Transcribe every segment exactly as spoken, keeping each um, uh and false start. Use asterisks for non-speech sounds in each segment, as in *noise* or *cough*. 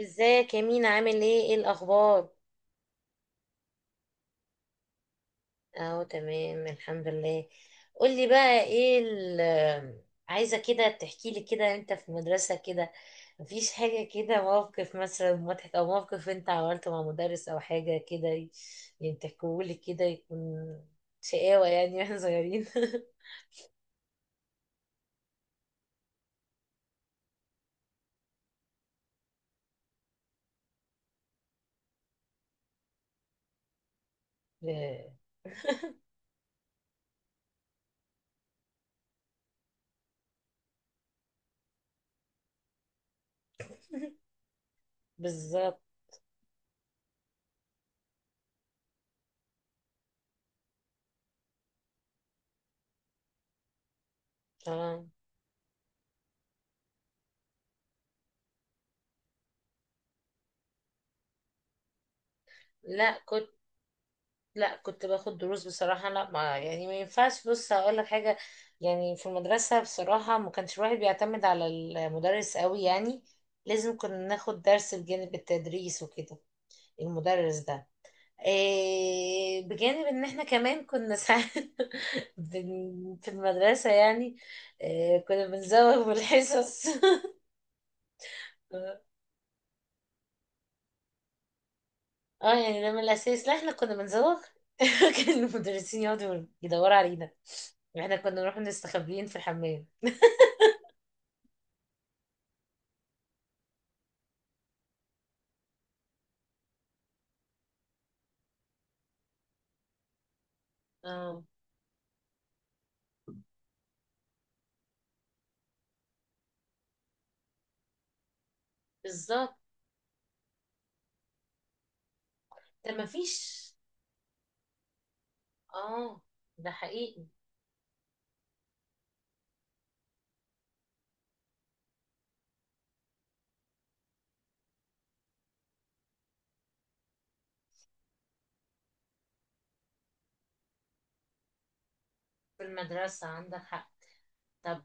ازيك يا مينا، عامل ايه، ايه الاخبار؟ اهو تمام الحمد لله. قولي بقى ايه ال- عايزه كده تحكي لي كده انت في المدرسه كده، مفيش حاجه كده، موقف مثلا مضحك او موقف انت عملته مع مدرس او حاجه كده ي- يعني تحكولي كده يكون شقاوه يعني واحنا صغيرين. *laughs* لا. *laughs* بالظبط اه. لا كنت لا كنت باخد دروس بصراحة، لا ما يعني ما ينفعش، بص هقول لك حاجة. يعني في المدرسة بصراحة ما كانش الواحد بيعتمد على المدرس قوي يعني، لازم كنا ناخد درس بجانب التدريس وكده، المدرس ده. إيه بجانب ان احنا كمان كنا ساعات *laughs* بن- في المدرسة يعني، إيه كنا بنزوغ بالحصص. *laughs* اه، يعني ده من الاساس. لا احنا كنا بنزوغ. *laughs* كان المدرسين يقعدوا يدوروا علينا، احنا كنا نروح نستخبيين في الحمام. اه بالظبط. ده مفيش، اه، ده حقيقي. في المدرسة عندك حق. طب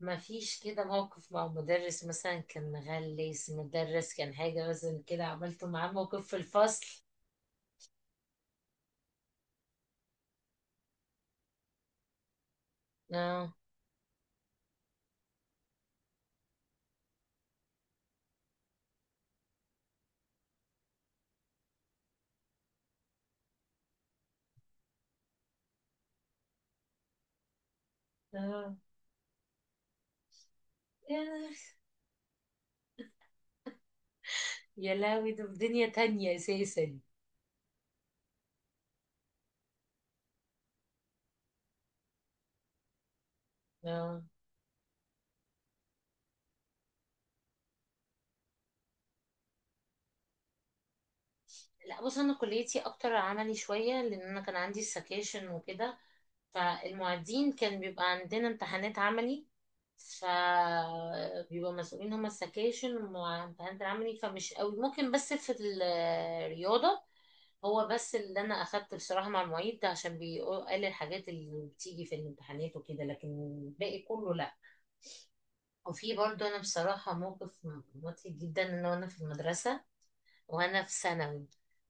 مفيش كده موقف مع مدرس مثلا كان مغلس، مدرس كان حاجة مثلا كده عملته معاه موقف في الفصل؟ اه، اه، يا يا لهوي، ده في دنيا تانية أساسا. اه، لا بص، أنا كليتي أكتر عملي شوية، لأن أنا كان عندي السكاشن وكده. فالمعيدين كان بيبقى عندنا امتحانات عملي، فبيبقى مسؤولين هما السكاشن والامتحانات العملي، فمش قوي ممكن بس في الرياضة. هو بس اللي انا اخدت بصراحة مع المعيد ده عشان بيقول قال الحاجات اللي بتيجي في الامتحانات وكده، لكن الباقي كله لا. وفي برضه انا بصراحة موقف مضحك جدا، ان انا في المدرسة وانا في ثانوي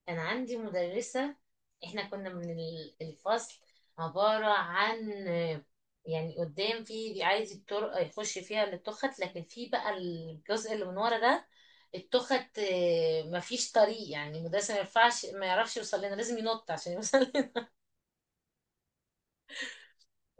كان عندي مدرسة، احنا كنا من ال- الفصل عبارة عن، يعني قدام في عايز الطرق يخش فيها للتخت، لكن في بقى الجزء اللي من ورا ده التخت، آه، مفيش طريق، يعني المدرسة ما ينفعش ما يعرفش يوصل لنا، لازم ينط عشان يوصل.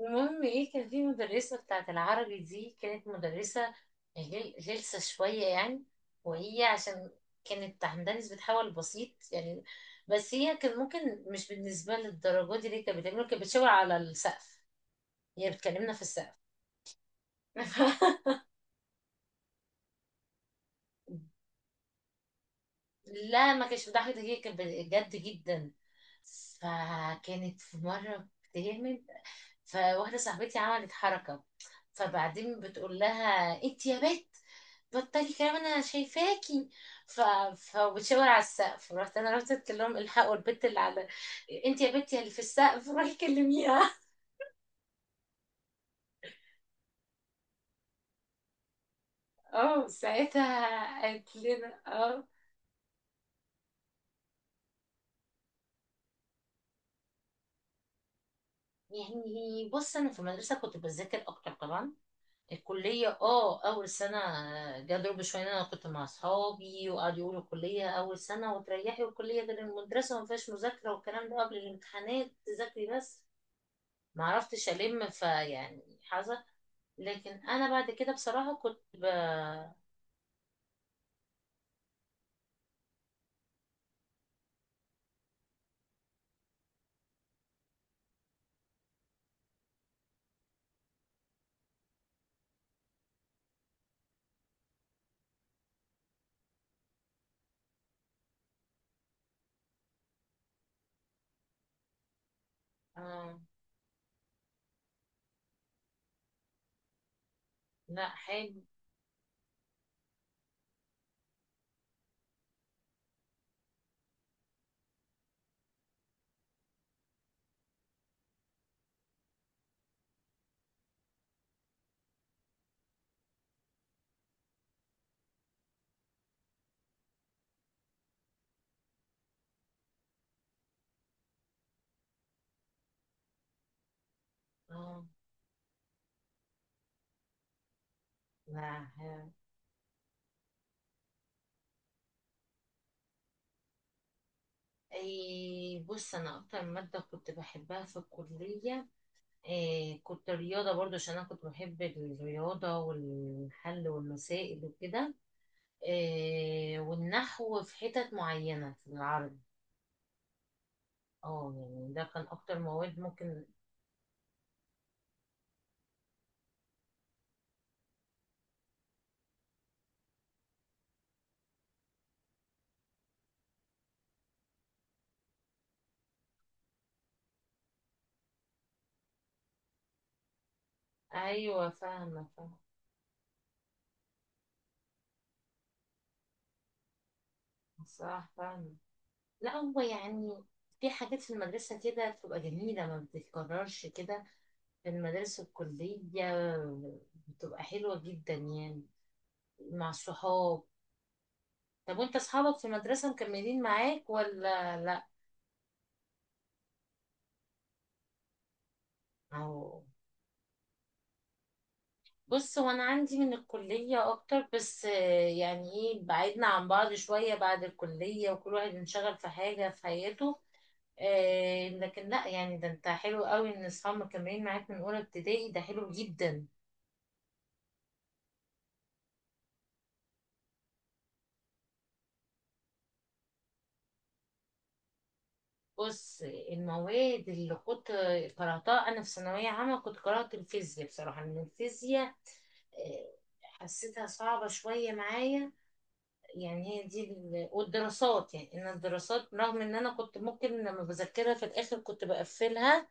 المهم ايه كان في مدرسة بتاعت العربي، دي كانت مدرسة غل- غلسة شوية يعني، وهي عشان كانت عندها نسبة حول بسيط يعني، بس هي كان ممكن مش بالنسبة للدرجة دي اللي كانت بتعمله، كانت بتشاور على السقف، هي بتكلمنا في السقف. *laughs* لا ما كانش بتضحك، ده هي كانت بجد جدا. فكانت في مرة بتعمل، فواحدة صاحبتي عملت حركة، فبعدين بتقول لها: انت يا بت بطلي كلام انا شايفاكي. ف... فبتشاور على السقف، رحت انا رحت قلت لهم: الحقوا البت اللي على، انت يا بت يا اللي في السقف روحي كلميها. *laughs* اه، ساعتها قالت لنا اه. يعني بص، انا في المدرسه كنت بذاكر اكتر طبعا. الكلية، اه، أول سنة جا ضرب شوية، أنا كنت مع أصحابي وقعدوا يقولوا الكلية أول سنة وتريحي والكلية ده المدرسة مفيهاش مذاكرة والكلام ده، قبل الامتحانات تذاكري بس، معرفتش ألم فيعني حظا. لكن أنا بعد كده بصراحة كنت ب... آه، لا حلو. آه، لا حلو. أي بص، أنا أكتر مادة كنت بحبها في الكلية إيه، كنت رياضة برضو عشان أنا كنت بحب الرياضة والحل والمسائل وكده، آه، والنحو في حتت معينة في العرض. اه يعني، ده كان أكتر مواد ممكن. أيوة، فاهمة، فاهمة، صح فاهمة. لا هو يعني، في حاجات في المدرسة كده بتبقى جميلة ما بتتكررش كده، في المدارس الكلية بتبقى حلوة جدا يعني، مع الصحاب. طب وانت اصحابك في المدرسة مكملين معاك ولا لا؟ أو بص، هو انا عندي من الكلية اكتر، بس آه، يعني ايه، بعدنا عن بعض شوية بعد الكلية وكل واحد انشغل في حاجة في حياته، آه، لكن لا يعني، ده انت حلو قوي ان اصحاب مكملين معاك من اولى ابتدائي ده حلو جدا. بص المواد اللي كنت قرأتها انا في ثانوية عامة، كنت قرأت الفيزياء بصراحة ان الفيزياء، آه، حسيتها صعبة شوية معايا. يعني هي دي ال... والدراسات، يعني ان الدراسات رغم ان انا كنت ممكن لما بذاكرها في الاخر كنت بقفلها،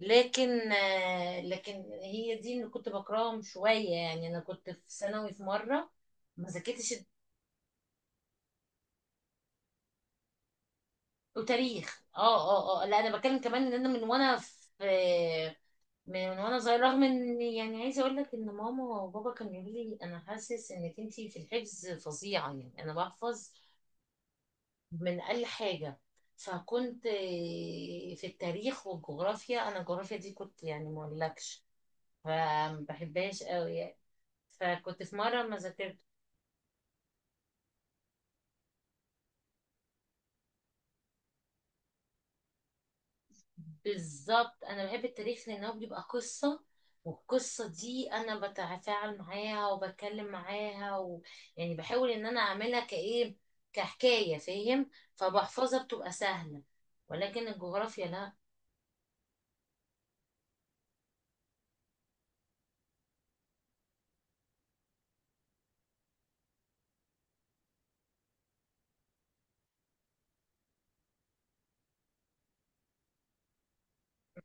لكن آه، لكن هي دي اللي كنت بكرههم شويه يعني، انا كنت في ثانوي في مره ما ذاكرتش الد- وتاريخ. اه، اه، اه. لا انا بتكلم كمان ان انا من وانا في من وانا صغير، رغم ان يعني عايزه اقول لك ان ماما وبابا كانوا يقولوا لي انا حاسس انك انتي في الحفظ فظيعه، يعني انا بحفظ من أقل حاجة. فكنت في التاريخ والجغرافيا، أنا الجغرافيا دي كنت يعني ما أقولكش، فما بحبهاش قوي يعني. فكنت في مرة ما ذاكرت. بالظبط أنا بحب التاريخ لأنه بيبقى قصة، والقصة دي أنا بتفاعل معاها وبتكلم معاها و... يعني بحاول إن أنا أعملها كإيه، كحكاية، فاهم، فبحفظها بتبقى سهلة. ولكن الجغرافيا لا،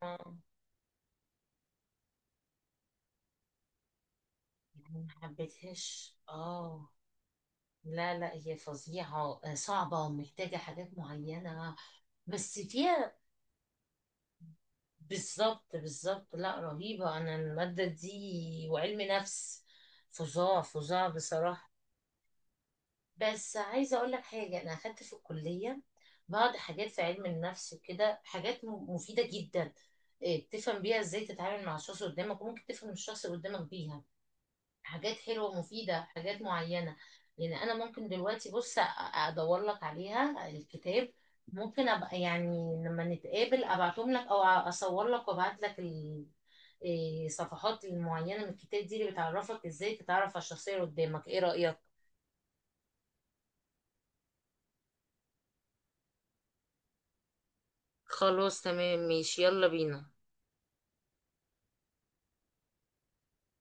ما يعني، ما حبيتهاش اه. لا، لا، هي فظيعة، آه، صعبة ومحتاجة حاجات معينة، بس فيها. بالظبط، بالظبط، لا رهيبة، أنا المادة دي وعلم نفس، فظاع، فظاع بصراحة. بس عايزة أقول لك حاجة، أنا أخدت في الكلية بعض حاجات في علم النفس وكده، حاجات م- مفيدة جدا، آه، بتفهم بيها إزاي تتعامل مع الشخص اللي قدامك، وممكن تفهم الشخص اللي قدامك بيها، حاجات حلوة مفيدة حاجات معينة. يعني أنا ممكن دلوقتي بص أ- أدور لك عليها الكتاب، ممكن أبقى يعني لما نتقابل أبعتهم لك أو أصور لك وأبعت لك ال- إيه، صفحات المعينة من الكتاب دي اللي بتعرفك إزاي تتعرف على الشخصية اللي قدامك. إيه رأيك؟ خلاص تمام ماشي يلا بينا.